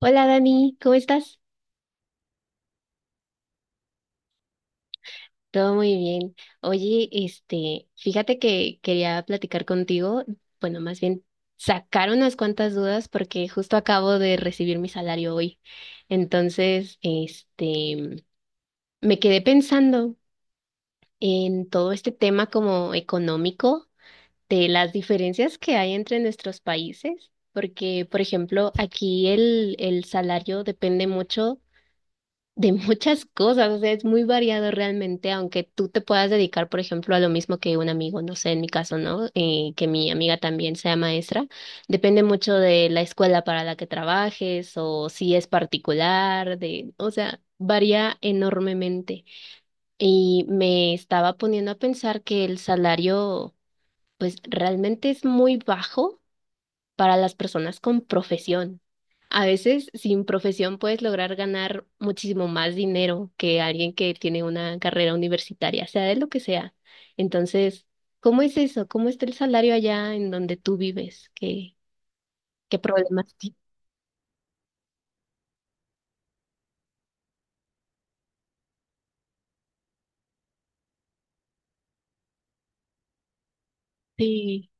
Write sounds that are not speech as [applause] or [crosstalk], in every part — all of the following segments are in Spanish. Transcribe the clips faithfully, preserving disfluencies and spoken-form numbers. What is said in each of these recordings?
Hola Dani, ¿cómo estás? Todo muy bien. Oye, este, fíjate que quería platicar contigo, bueno, más bien sacar unas cuantas dudas porque justo acabo de recibir mi salario hoy. Entonces, este, me quedé pensando en todo este tema como económico de las diferencias que hay entre nuestros países, porque, por ejemplo, aquí el, el salario depende mucho de muchas cosas, o sea, es muy variado realmente, aunque tú te puedas dedicar, por ejemplo, a lo mismo que un amigo, no sé, en mi caso, ¿no? Eh, que mi amiga también sea maestra, depende mucho de la escuela para la que trabajes o si es particular, de, o sea, varía enormemente. Y me estaba poniendo a pensar que el salario, pues, realmente es muy bajo para las personas con profesión. A veces sin profesión puedes lograr ganar muchísimo más dinero que alguien que tiene una carrera universitaria, sea de lo que sea. Entonces, ¿cómo es eso? ¿Cómo está el salario allá en donde tú vives? ¿Qué, ¿qué problemas tienes? Sí.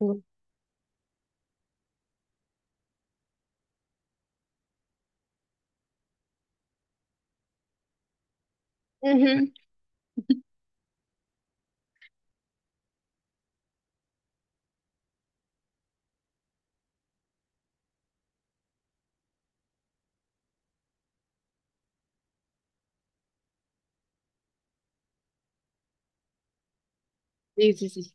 Ujú. Sí, sí, sí.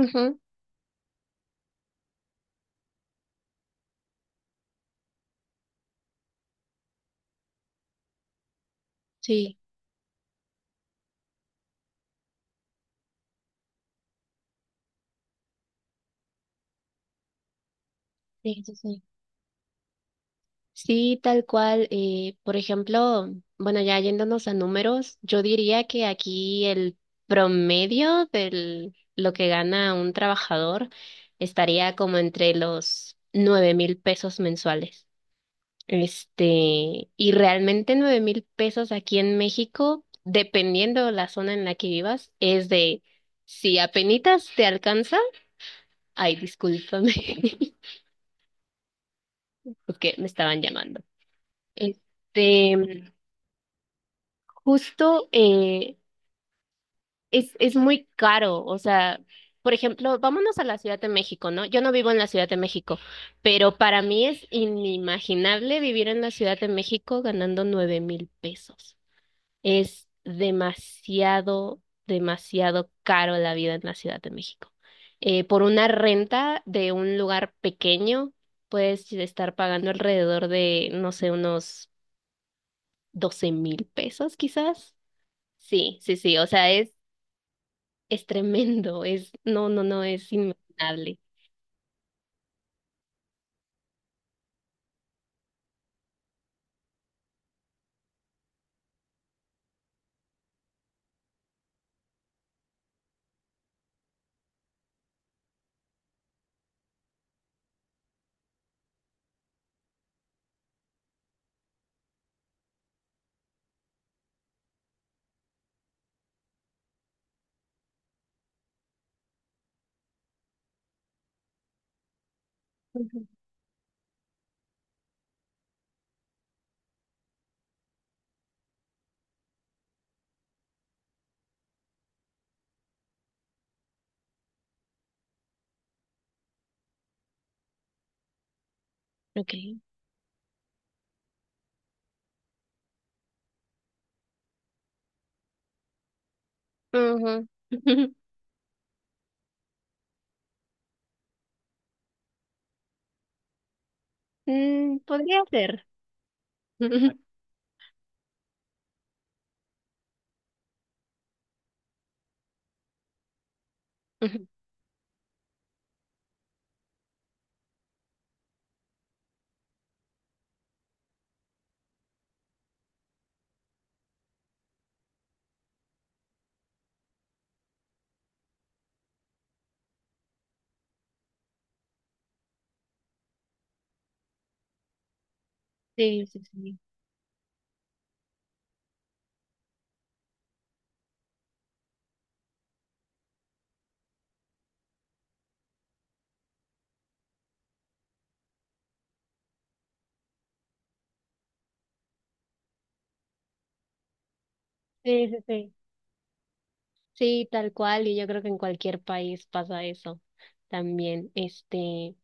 Ujú. Sí. Sí, sí, sí. Sí, tal cual. Eh, por ejemplo, bueno, ya yéndonos a números, yo diría que aquí el promedio de lo que gana un trabajador estaría como entre los nueve mil pesos mensuales. Este, y realmente nueve mil pesos aquí en México, dependiendo la zona en la que vivas, es de si apenitas te alcanza, ay, discúlpame, [laughs] porque me estaban llamando. Este, Justo eh, es, es muy caro, o sea, por ejemplo, vámonos a la Ciudad de México, ¿no? Yo no vivo en la Ciudad de México, pero para mí es inimaginable vivir en la Ciudad de México ganando nueve mil pesos. Es demasiado, demasiado caro la vida en la Ciudad de México. Eh, por una renta de un lugar pequeño, puedes estar pagando alrededor de, no sé, unos doce mil pesos quizás. Sí, sí, sí, o sea, es es tremendo, es, no, no, no, es inimaginable. Ujú. Ok. Ujú. [laughs] Mm, podría ser. [laughs] Ujú. Sí, sí, sí. Sí, sí, sí. Sí, tal cual, y yo creo que en cualquier país pasa eso también. Este,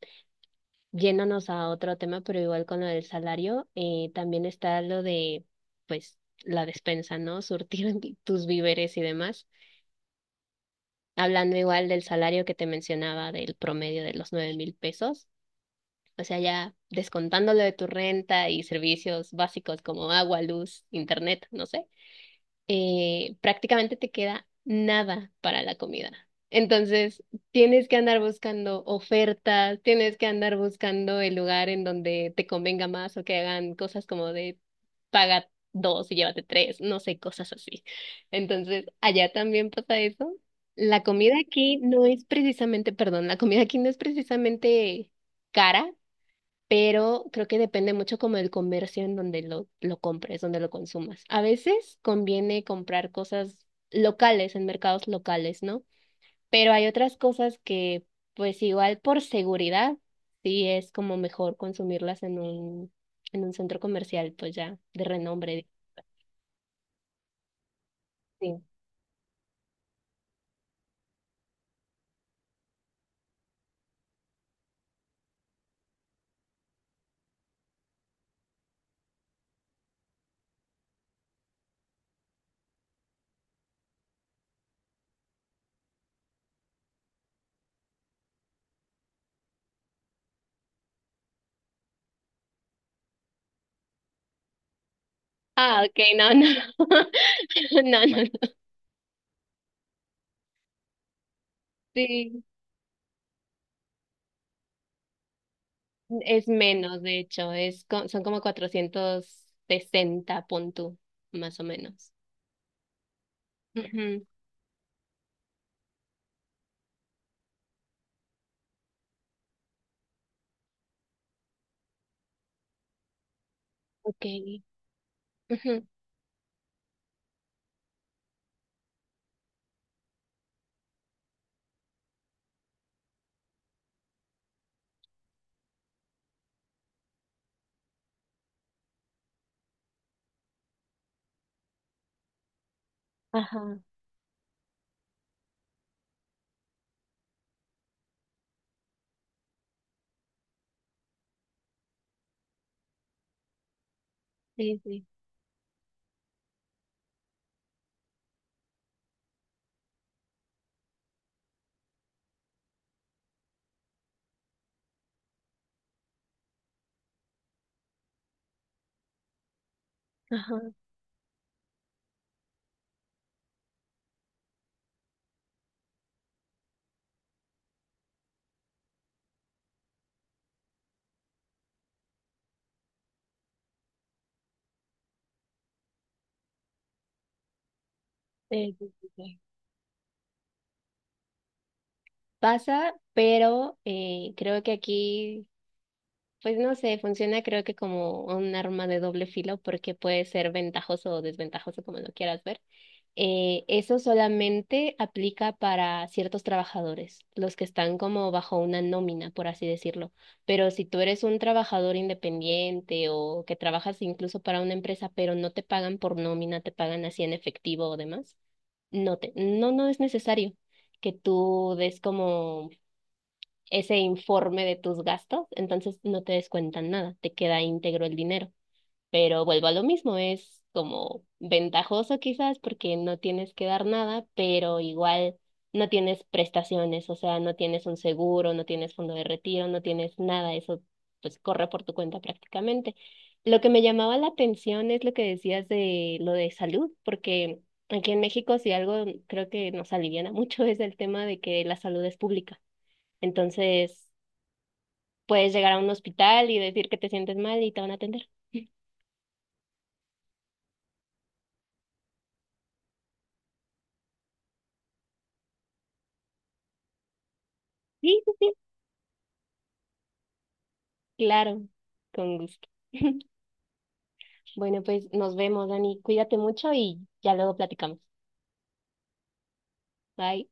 yéndonos a otro tema, pero igual con lo del salario, eh, también está lo de, pues, la despensa, ¿no? Surtir [laughs] tus víveres y demás. Hablando igual del salario que te mencionaba del promedio de los nueve mil pesos. O sea, ya descontándolo de tu renta y servicios básicos como agua, luz, internet, no sé, eh, prácticamente te queda nada para la comida. Entonces, tienes que andar buscando ofertas, tienes que andar buscando el lugar en donde te convenga más o que hagan cosas como de paga dos y llévate tres, no sé, cosas así. Entonces, allá también pasa eso. La comida aquí no es precisamente, perdón, la comida aquí no es precisamente cara, pero creo que depende mucho como del comercio en donde lo, lo compres, donde lo consumas. A veces conviene comprar cosas locales, en mercados locales, ¿no? Pero hay otras cosas que, pues igual por seguridad, sí es como mejor consumirlas en un, en un centro comercial, pues ya, de renombre. Sí. Ah, ok, no, no, [laughs] no, no, no. Sí, es menos, de hecho, es co- son como cuatrocientos sesenta, pon tú, más o menos. Ujú. Ok. Ujú. Ajá. Sí, sí. Ajá. Sí, sí, sí, sí. Pasa, pero eh, creo que aquí, pues no sé, funciona creo que como un arma de doble filo porque puede ser ventajoso o desventajoso como lo quieras ver. Eh, eso solamente aplica para ciertos trabajadores, los que están como bajo una nómina, por así decirlo. Pero si tú eres un trabajador independiente o que trabajas incluso para una empresa, pero no te pagan por nómina, te pagan así en efectivo o demás, no te, no, no es necesario que tú des como ese informe de tus gastos, entonces no te descuentan nada, te queda íntegro el dinero. Pero vuelvo a lo mismo, es como ventajoso quizás porque no tienes que dar nada, pero igual no tienes prestaciones, o sea, no tienes un seguro, no tienes fondo de retiro, no tienes nada, eso pues corre por tu cuenta prácticamente. Lo que me llamaba la atención es lo que decías de lo de salud, porque aquí en México si algo creo que nos aliviana [laughs] mucho es el tema de que la salud es pública. Entonces, puedes llegar a un hospital y decir que te sientes mal y te van a atender. [laughs] Sí, sí, sí. Claro, con gusto. [laughs] Bueno, pues nos vemos, Dani. Cuídate mucho y ya luego platicamos. Bye.